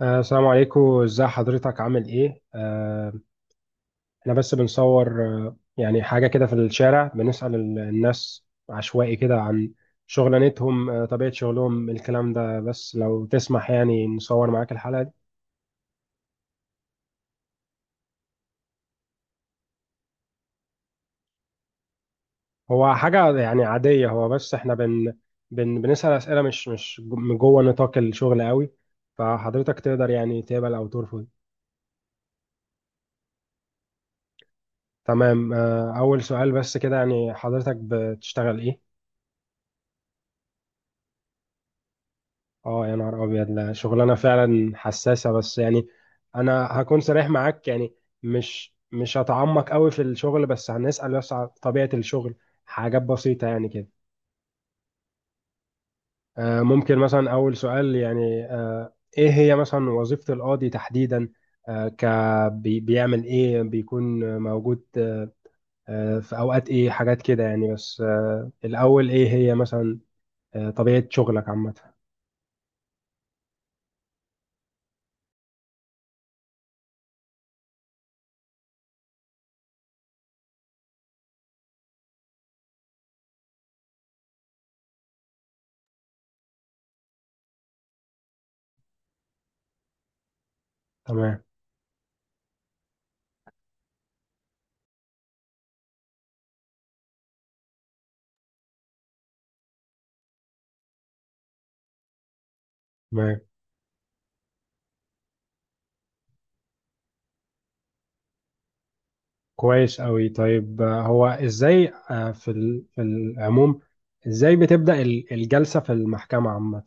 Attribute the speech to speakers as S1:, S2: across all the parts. S1: السلام عليكم، ازاي حضرتك؟ عامل ايه؟ احنا بس بنصور يعني حاجة كده في الشارع، بنسأل الناس عشوائي كده عن شغلانتهم، طبيعة شغلهم، الكلام ده. بس لو تسمح يعني نصور معاك الحلقة دي. هو حاجة يعني عادية، هو بس احنا بن بن بنسأل أسئلة مش من جوه نطاق الشغل قوي. فحضرتك تقدر يعني تقبل أو ترفض. تمام. أول سؤال بس كده، يعني حضرتك بتشتغل ايه؟ اه يا نهار ابيض، لا شغلانه فعلا حساسه. بس يعني انا هكون صريح معاك، يعني مش هتعمق قوي في الشغل، بس هنسال بس على طبيعه الشغل، حاجات بسيطه يعني كده. ممكن مثلا اول سؤال، يعني ايه هي مثلا وظيفه القاضي تحديدا؟ آه، ك بيعمل ايه؟ بيكون موجود في اوقات ايه؟ حاجات كده يعني. بس الاول ايه هي مثلا طبيعه شغلك عامه؟ تمام. كويس أوي. طيب هو إزاي في العموم إزاي بتبدأ الجلسة في المحكمة عامة؟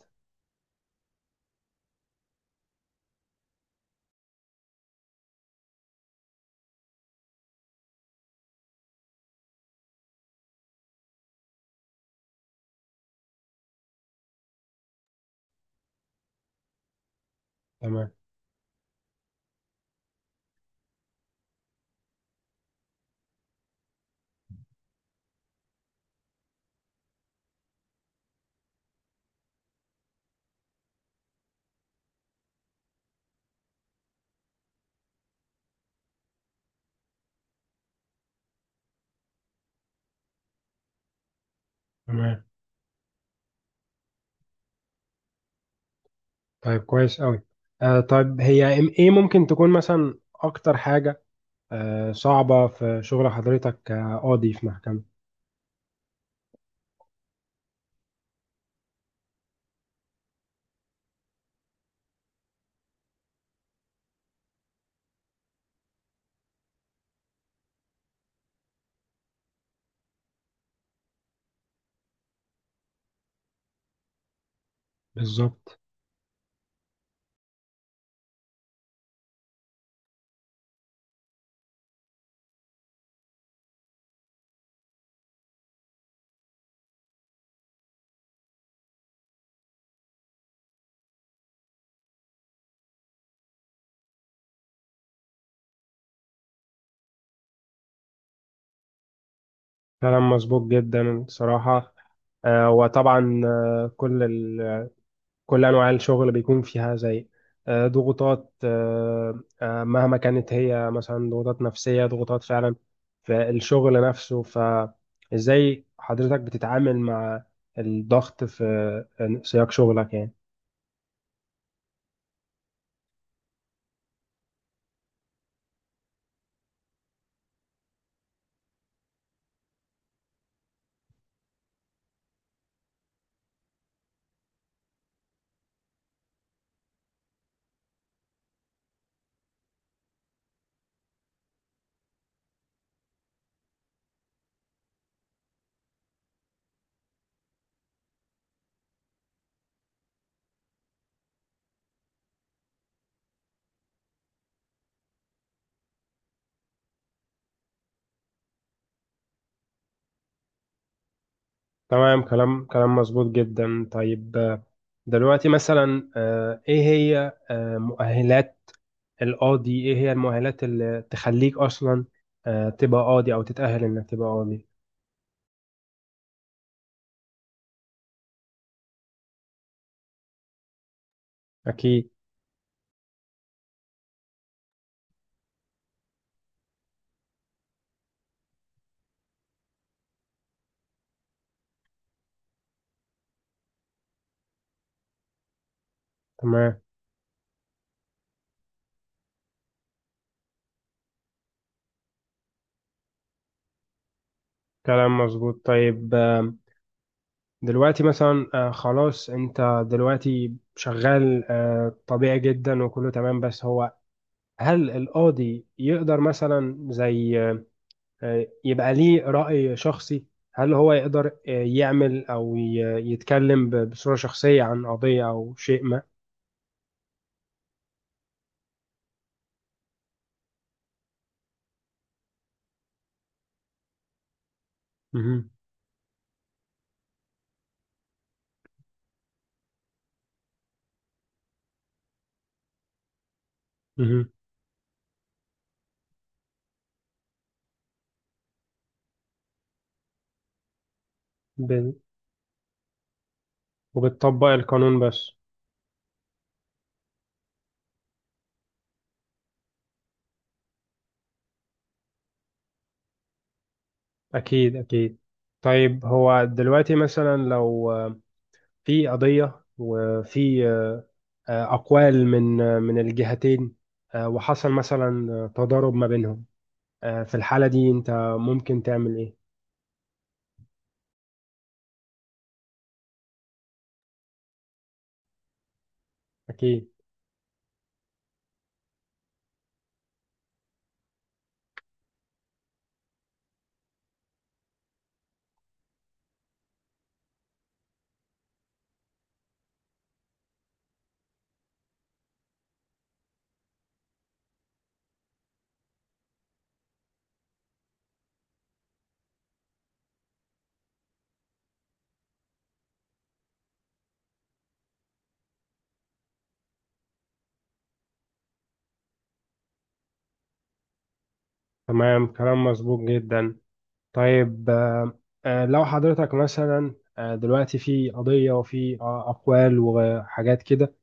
S1: تمام، تمام. طيب كويس أوي. طيب هي إيه ممكن تكون مثلا أكتر حاجة صعبة في شغل حضرتك كقاضي في محكمة؟ بالظبط. كلام مظبوط جدا صراحة. وطبعا كل انواع الشغل بيكون فيها زي ضغوطات، مهما كانت، هي مثلا ضغوطات نفسية، ضغوطات فعلا في الشغل نفسه. فازاي حضرتك بتتعامل مع الضغط في سياق شغلك يعني؟ تمام. كلام مظبوط جدا. طيب دلوقتي مثلا ايه هي مؤهلات القاضي؟ ايه هي المؤهلات اللي تخليك اصلا تبقى قاضي او تتأهل انك تبقى قاضي؟ اكيد. تمام. كلام مظبوط. طيب دلوقتي مثلا خلاص انت دلوقتي شغال طبيعي جدا وكله تمام. بس هو هل القاضي يقدر مثلا زي يبقى ليه رأي شخصي؟ هل هو يقدر يعمل او يتكلم بصورة شخصية عن قضية او شيء ما؟ مهم. مهم. ب- وبتطبق القانون بس. اكيد، اكيد. طيب هو دلوقتي مثلا لو في قضية وفي أقوال من الجهتين، وحصل مثلا تضارب ما بينهم، في الحالة دي أنت ممكن تعمل إيه؟ أكيد. تمام. كلام مظبوط جدا. طيب لو حضرتك مثلا دلوقتي في قضية وفي أقوال وحاجات كده،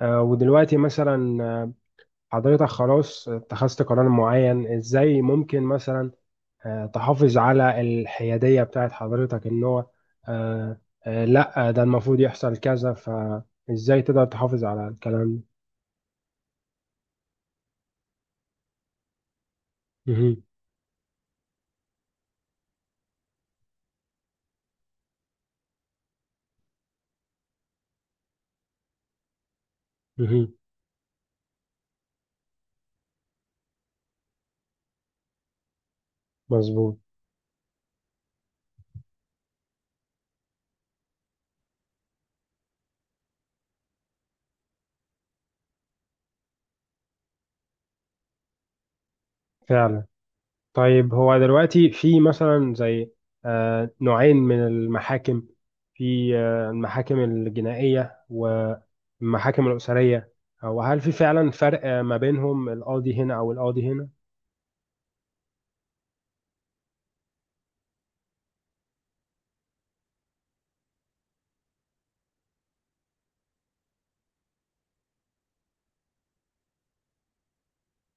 S1: ودلوقتي مثلا حضرتك خلاص اتخذت قرار معين، إزاي ممكن مثلا تحافظ على الحيادية بتاعت حضرتك، ان هو آه، لا، ده المفروض يحصل كذا؟ فازاي تقدر تحافظ على الكلام ده؟ مهم، مهم. مظبوط. فعلا. طيب هو دلوقتي في مثلا زي نوعين من المحاكم، في المحاكم الجنائية والمحاكم الأسرية، وهل في فعلا فرق ما بينهم القاضي هنا أو القاضي هنا؟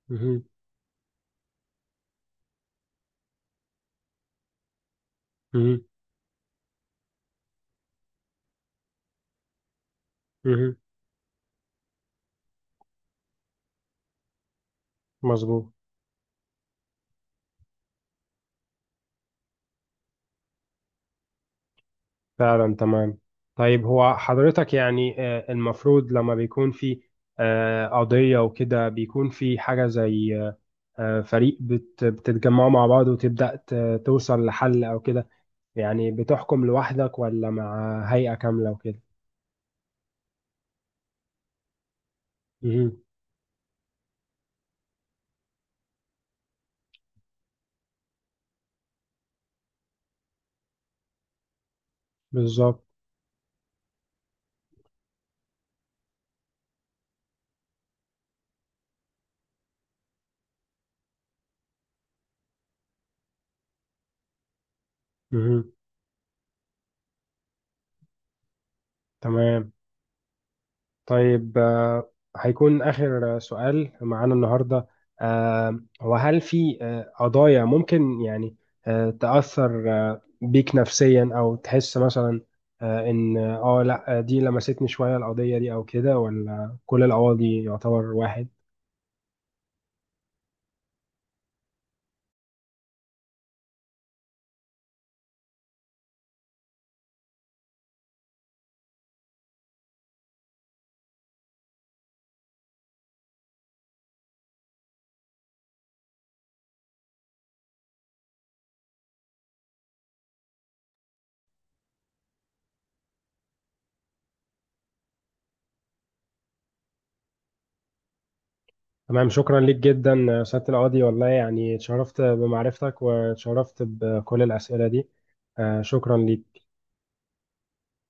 S1: مهم، مهم، مهم. مظبوط. فعلا. تمام. طيب هو حضرتك يعني المفروض لما بيكون في قضية وكده بيكون في حاجة زي فريق بتتجمعوا مع بعض وتبدأ توصل لحل أو كده؟ يعني بتحكم لوحدك ولا مع هيئة كاملة وكده؟ مهم. بالظبط. مهم. تمام. طيب هيكون آخر سؤال معانا النهاردة. وهل في قضايا ممكن يعني تأثر بيك نفسيا، أو تحس مثلا إن لأ، دي لمستني شوية القضية دي أو كده، ولا كل القواضي يعتبر واحد؟ تمام. شكرا ليك جدا سيادة القاضي، والله يعني اتشرفت بمعرفتك واتشرفت بكل الأسئلة دي. شكرا ليك.